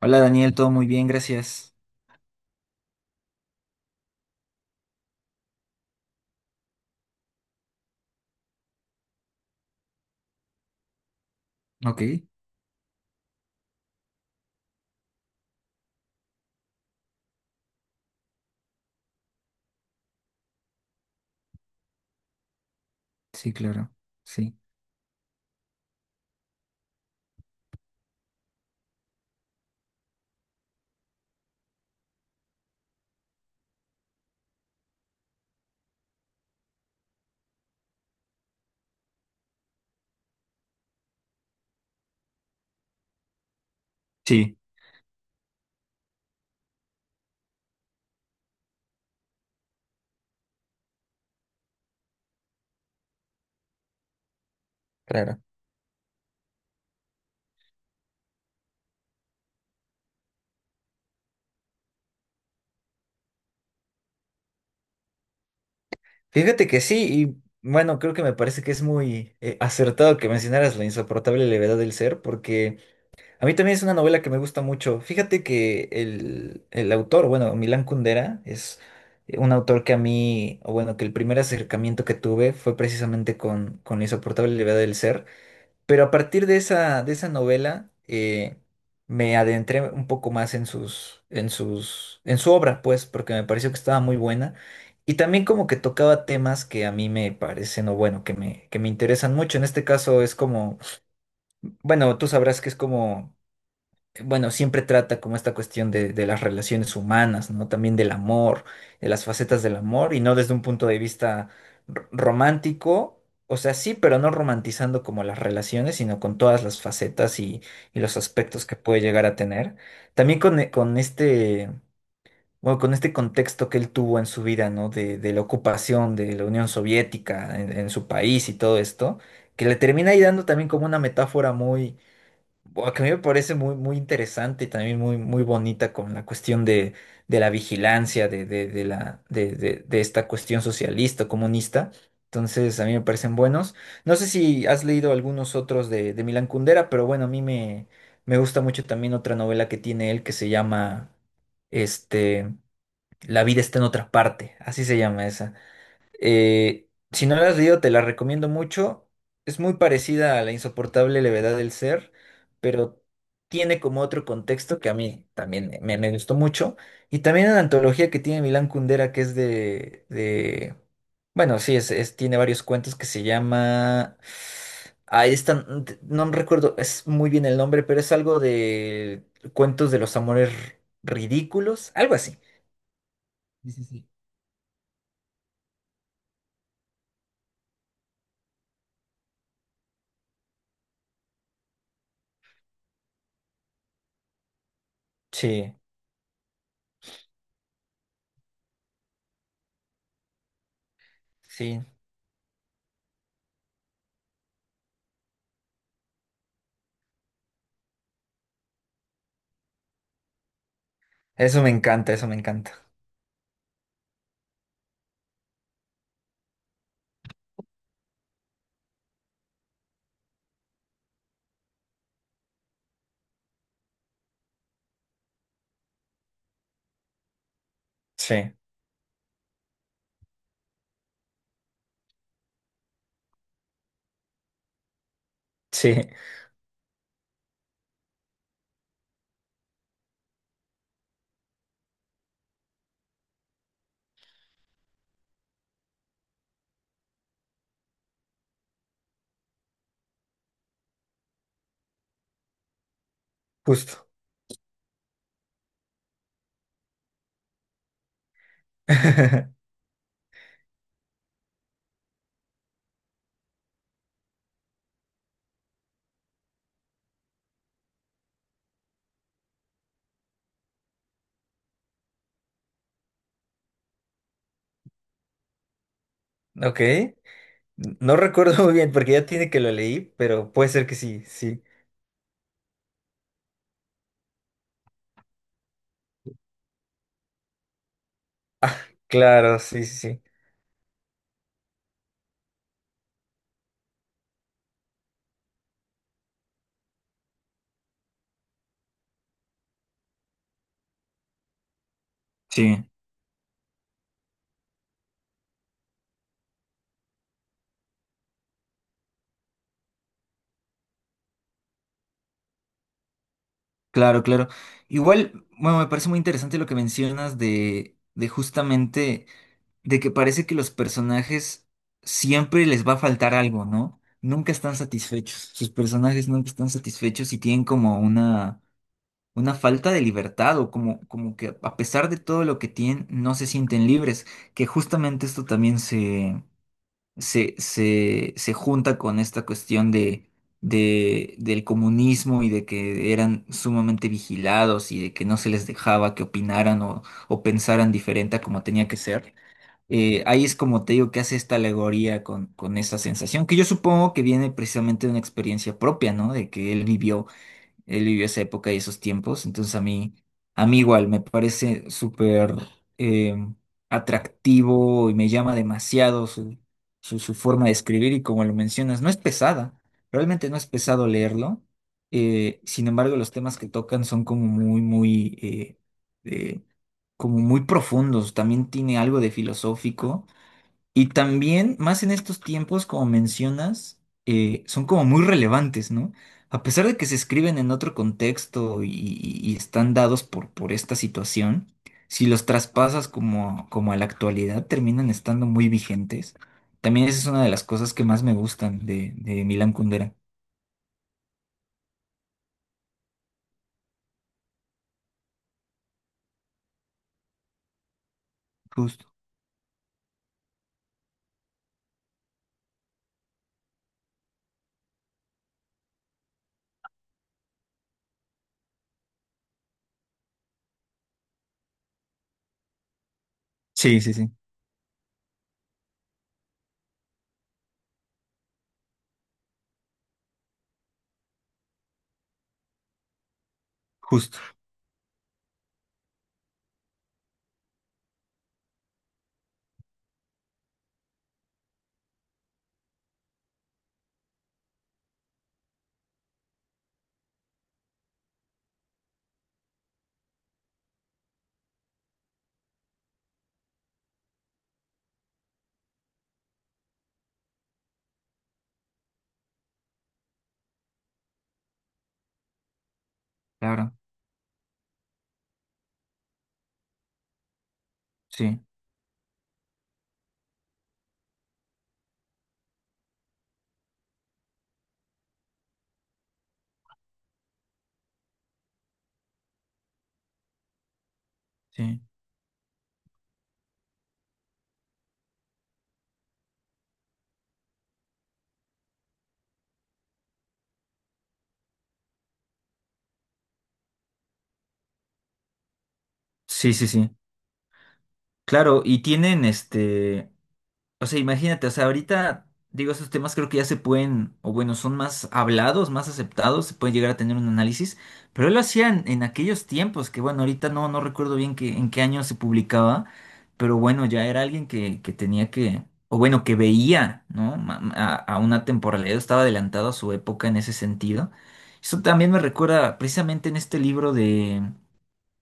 Hola Daniel, todo muy bien, gracias. Ok, sí, claro, Sí. Sí. Claro. Fíjate que sí, y bueno, creo que me parece que es muy acertado que mencionaras La insoportable levedad del ser, porque a mí también es una novela que me gusta mucho. Fíjate que el autor, bueno, Milán Kundera, es un autor que a mí, o bueno, que el primer acercamiento que tuve fue precisamente con La insoportable levedad del ser. Pero a partir de esa novela, me adentré un poco más en su obra, pues, porque me pareció que estaba muy buena. Y también como que tocaba temas que a mí me parecen, o bueno, que me interesan mucho. En este caso es como, bueno, tú sabrás que es como bueno, siempre trata como esta cuestión de las relaciones humanas, ¿no? También del amor, de las facetas del amor, y no desde un punto de vista romántico. O sea, sí, pero no romantizando como las relaciones, sino con todas las facetas y los aspectos que puede llegar a tener. También con, e- con este, bueno, con este contexto que él tuvo en su vida, ¿no? De la ocupación de la Unión Soviética en su país y todo esto, que le termina ahí dando también como una metáfora muy, buah, que a mí me parece muy, muy interesante y también muy, muy bonita con la cuestión de la vigilancia de la, de esta cuestión socialista, comunista. Entonces, a mí me parecen buenos. No sé si has leído algunos otros de Milan Kundera, pero bueno, a mí me gusta mucho también otra novela que tiene él que se llama este, La vida está en otra parte. Así se llama esa. Si no la has leído, te la recomiendo mucho. Es muy parecida a La insoportable levedad del ser, pero tiene como otro contexto que a mí también me gustó mucho. Y también una antología que tiene Milán Kundera, que es bueno, sí, tiene varios cuentos que se llama. Ahí están, no me recuerdo es muy bien el nombre, pero es algo de cuentos de los amores ridículos, algo así. Sí, sí, sí. Sí, sí. Eso me encanta, eso me encanta. Sí, sí, justo. Ok. No recuerdo muy bien porque ya tiene que lo leí, pero puede ser que sí, sí. Claro, sí, sí, sí. Sí, claro, claro. Igual, bueno, me parece muy interesante lo que mencionas de justamente, de que parece que los personajes siempre les va a faltar algo, ¿no? Nunca están satisfechos. Sus personajes nunca están satisfechos y tienen como una falta de libertad o como que a pesar de todo lo que tienen, no se sienten libres, que justamente esto también se junta con esta cuestión del comunismo y de que eran sumamente vigilados y de que no se les dejaba que opinaran o pensaran diferente a como tenía que ser. Ahí es como te digo que hace esta alegoría con esa sensación, que yo supongo que viene precisamente de una experiencia propia, ¿no? De que él vivió esa época y esos tiempos, entonces a mí igual me parece súper eh, atractivo y me llama demasiado su forma de escribir y como lo mencionas, no es pesada, realmente no es pesado leerlo. Sin embargo, los temas que tocan son como muy, muy, eh, como muy profundos. También tiene algo de filosófico y también, más en estos tiempos, como mencionas, son como muy relevantes, ¿no? A pesar de que se escriben en otro contexto y están dados por esta situación, si los traspasas como a la actualidad, terminan estando muy vigentes. También esa es una de las cosas que más me gustan de Milán Kundera. Justo. Sí, sí, sí. Justo. Claro. Sí, sí. Sí, sí, sí. Claro, y tienen este. O sea, imagínate, o sea, ahorita, digo, esos temas creo que ya se pueden, o bueno, son más hablados, más aceptados, se puede llegar a tener un análisis, pero él lo hacían en aquellos tiempos, que bueno, ahorita no, no recuerdo bien en qué año se publicaba, pero bueno, ya era alguien que tenía que, o bueno, que veía, ¿no? A una temporalidad, estaba adelantado a su época en ese sentido. Eso también me recuerda precisamente en este libro de,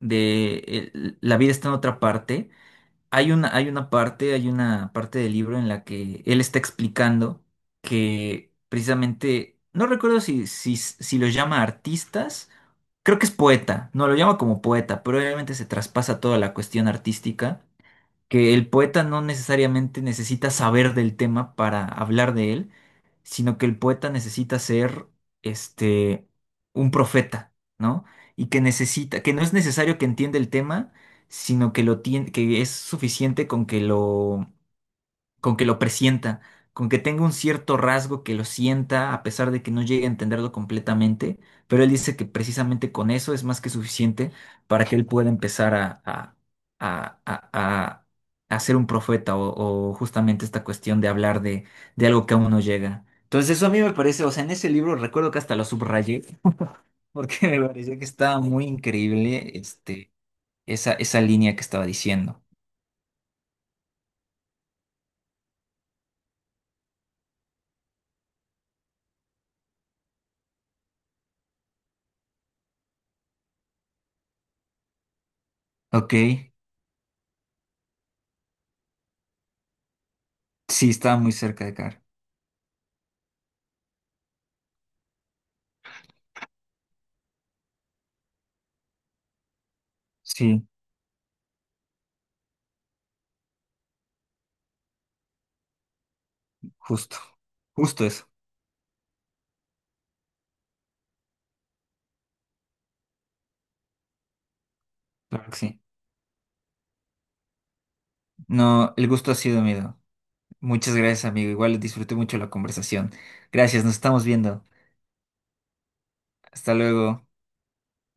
de La vida está en otra parte. Hay una parte del libro en la que él está explicando que precisamente, no recuerdo si los llama artistas, creo que es poeta, no lo llama como poeta, pero obviamente se traspasa toda la cuestión artística, que el poeta no necesariamente necesita saber del tema para hablar de él, sino que el poeta necesita ser este un profeta, ¿no? Y que necesita, que no es necesario que entienda el tema, sino que lo tiene, que es suficiente con que lo presienta, con que tenga un cierto rasgo que lo sienta a pesar de que no llegue a entenderlo completamente, pero él dice que precisamente con eso es más que suficiente para que él pueda empezar a, a- a- a ser un profeta o justamente esta cuestión de hablar de algo que aún no llega. Entonces eso a mí me parece, o sea, en ese libro recuerdo que hasta lo subrayé porque me parecía que estaba muy increíble esa línea que estaba diciendo. Ok, sí, estaba muy cerca de Car. Sí. Justo, justo eso. Claro que sí. No, el gusto ha sido mío. Muchas gracias, amigo. Igual disfruté mucho la conversación. Gracias, nos estamos viendo. Hasta luego.